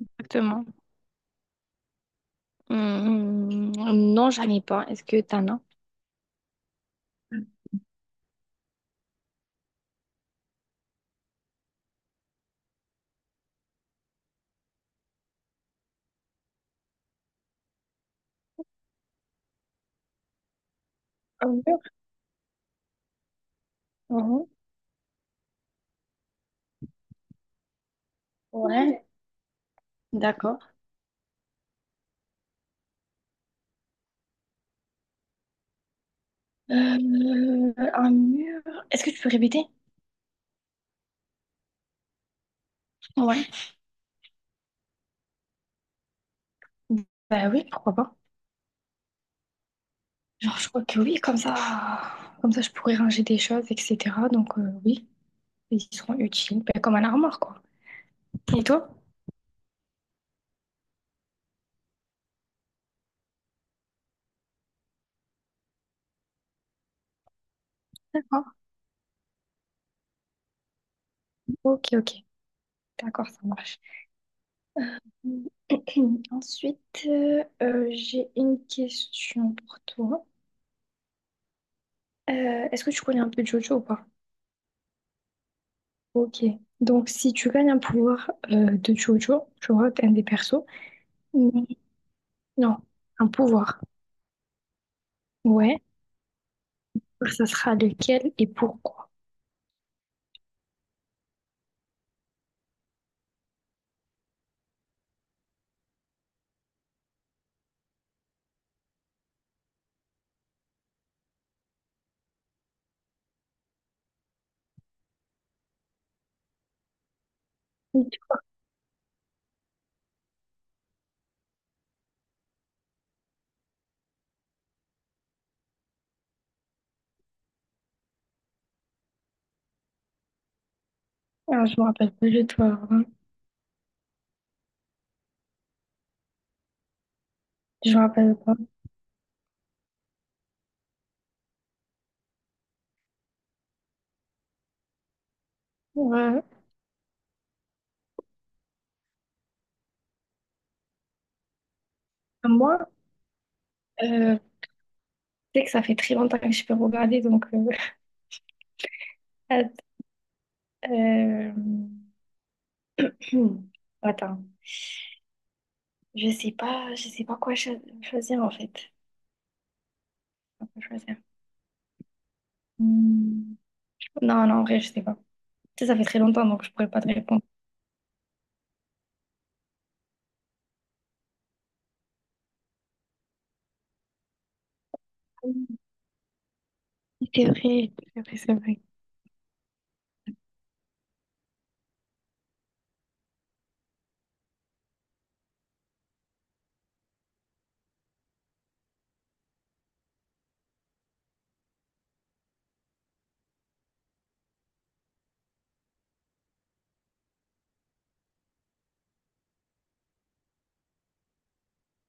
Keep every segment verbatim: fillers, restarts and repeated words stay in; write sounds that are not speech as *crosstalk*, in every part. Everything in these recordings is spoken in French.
Exactement. Hum, hum, non, j'en ai pas. Est-ce que t'en as? Un mur? Mhm. Ouais, d'accord. Euh, un mur. Est-ce que tu peux répéter? Ouais. Bah oui, pourquoi pas. Genre, je crois que oui, comme ça, comme ça, je pourrais ranger des choses, et cetera. Donc euh, oui, ils seront utiles. Bah, comme un armoire, quoi. Et toi? D'accord. Ok, ok. D'accord, ça marche. *clears throat* Ensuite, euh, euh, j'ai une question pour toi. Euh, est-ce que tu connais un peu Jojo ou pas? Ok. Donc, si tu gagnes un pouvoir euh, de Jojo, je vois un des persos. Mais non, un pouvoir. Ouais. Ça sera lequel et pourquoi? Ah, je me rappelle pas du tout avant. Je me rappelle pas. Ouais. Moi, euh, c'est que ça fait très longtemps que je peux regarder, donc euh, *laughs* att- euh, hmm, attends. Je sais pas, je sais pas quoi cho- choisir en fait. Je sais pas quoi choisir. Hmm. Non, non, en vrai, je sais pas. Tu sais, ça fait très longtemps, donc je pourrais pas te répondre. C'est vrai, c'est vrai, c'est vrai.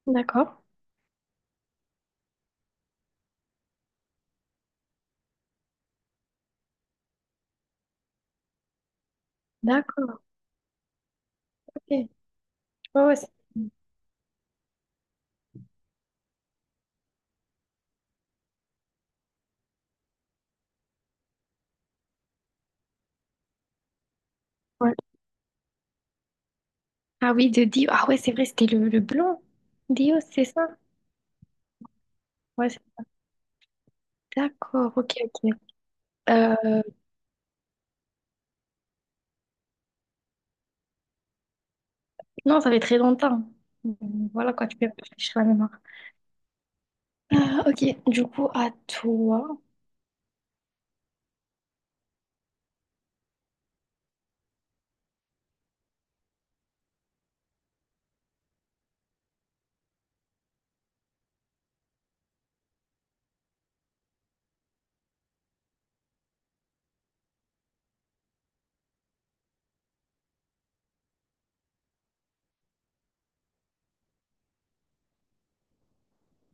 D'accord. D'accord, ok. Ouais, ouais, c'est ouais. Ah oui, de Dio. Ah ouais, c'est vrai, c'était le, le blond. Dio, c'est ça? Ouais, c'est d'accord, ok, ok. Euh, non, ça fait très longtemps. Hmm, voilà quoi, tu peux réfléchir à la mémoire. Ah, ok, du coup, à toi.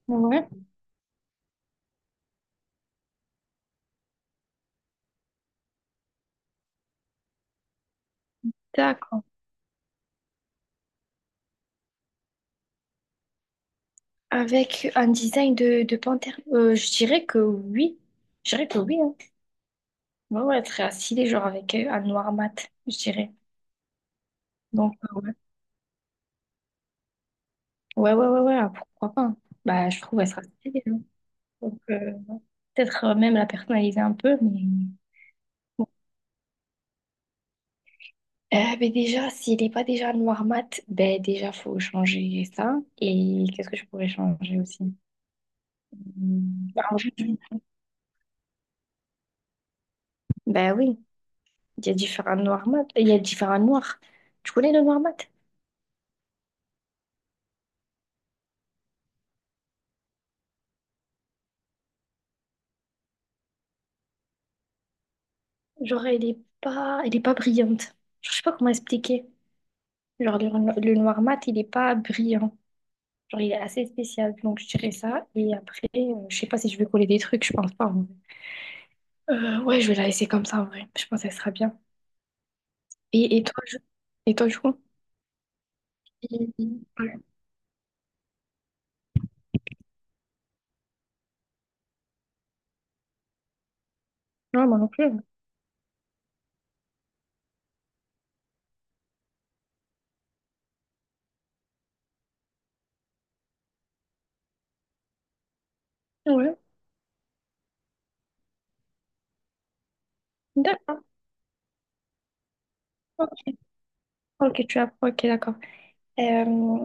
Ouais. D'accord. Avec un design de, de panthère. Euh, je dirais que oui. Je dirais que oui, hein. Ouais, ouais, très assis, genre avec euh, un noir mat, je dirais. Donc, euh, ouais, ouais, ouais, ouais, ah, pourquoi pas, hein. Bah, je trouve elle sera stylée, hein. Donc, euh, peut-être euh, même la personnaliser un peu, mais bon. Euh, mais déjà, s'il n'est pas déjà noir mat, ben déjà, faut changer ça. Et qu'est-ce que je pourrais changer aussi? Hmm, bah, en fait, bah oui, il y a différents noirs mat. Il y a différents noirs. Tu connais le noir mat? Genre, elle est pas, elle est pas brillante. Je sais pas comment expliquer. Genre, le, le noir mat, il est pas brillant. Genre, il est assez spécial, donc je dirais ça. Et après, euh, je sais pas si je vais coller des trucs, je pense pas en vrai. Euh, ouais, je vais la laisser comme ça, en vrai. Je pense qu'elle sera bien. Et, et toi, je... et toi, je crois? Et ouais, ouais, moi non plus. Ouais, ouais, d'accord. Ok, tu apprends, ok, d'accord. Euh,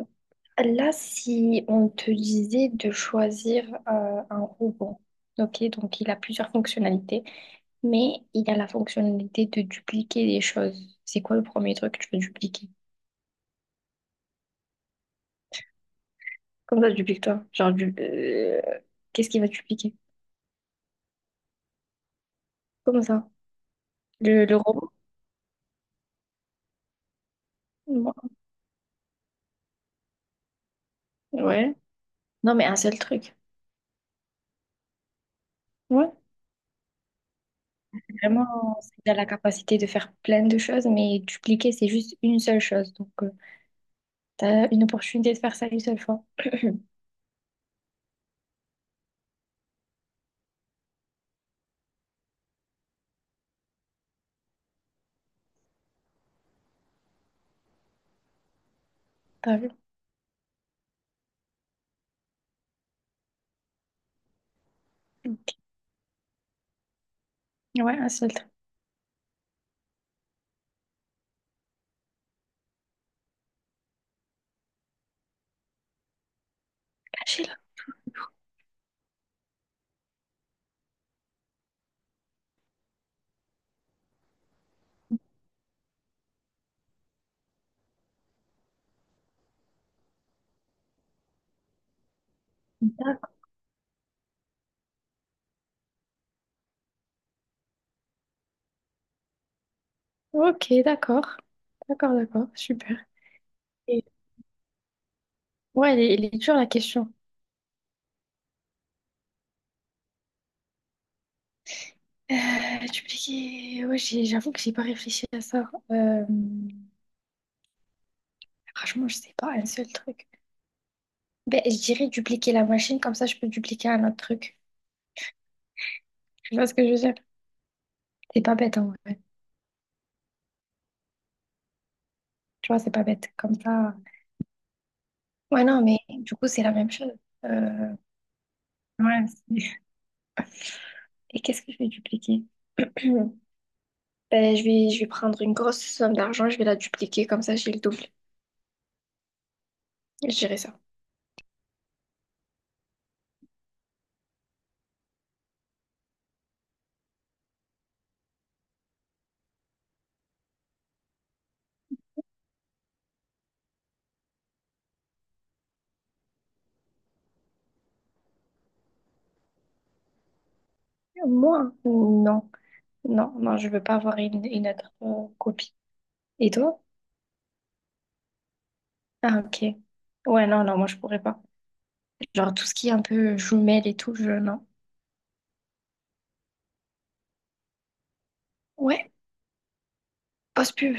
là, si on te disait de choisir euh, un robot, ok, donc il a plusieurs fonctionnalités, mais il a la fonctionnalité de dupliquer des choses. C'est quoi le premier truc que tu veux dupliquer? Comme ça, tu piques toi. Genre, du... euh, qu'est-ce qui va te piquer comme ça? Le, le robot? Non. Ouais. Non, mais un seul truc. Ouais. Vraiment, tu as la capacité de faire plein de choses, mais dupliquer, c'est juste une seule chose. Donc, tu as une opportunité de faire ça une seule fois. *coughs* *clears throat* T'as vu? Ok. Ouais, un seul truc. Caché là. D'accord. Ok, d'accord. D'accord, d'accord. Super. Et ouais, elle est, elle est dure la question. Euh, dupliquer. Ouais, j'ai- j'avoue que j'ai pas réfléchi à ça. Euh... Franchement, je sais pas, un seul truc. Ben, je dirais dupliquer la machine, comme ça je peux dupliquer un autre truc. Tu vois ce que je veux dire? C'est pas bête en vrai. Tu vois, c'est pas bête. Comme ça. Ouais, non, mais du coup, c'est la même chose. Euh, Ouais, c'est *laughs* et qu'est-ce que je vais dupliquer? *clears throat* Ben, je vais, je vais prendre une grosse somme d'argent, je vais la dupliquer, comme ça j'ai le double. Je dirais ça. Moi? Non. Non, non, je veux pas avoir une, une autre euh, copie. Et toi? Ah, ok. Ouais, non, non, moi je pourrais pas. Genre tout ce qui est un peu jumelle et tout, je... non. Ouais. Pause pub.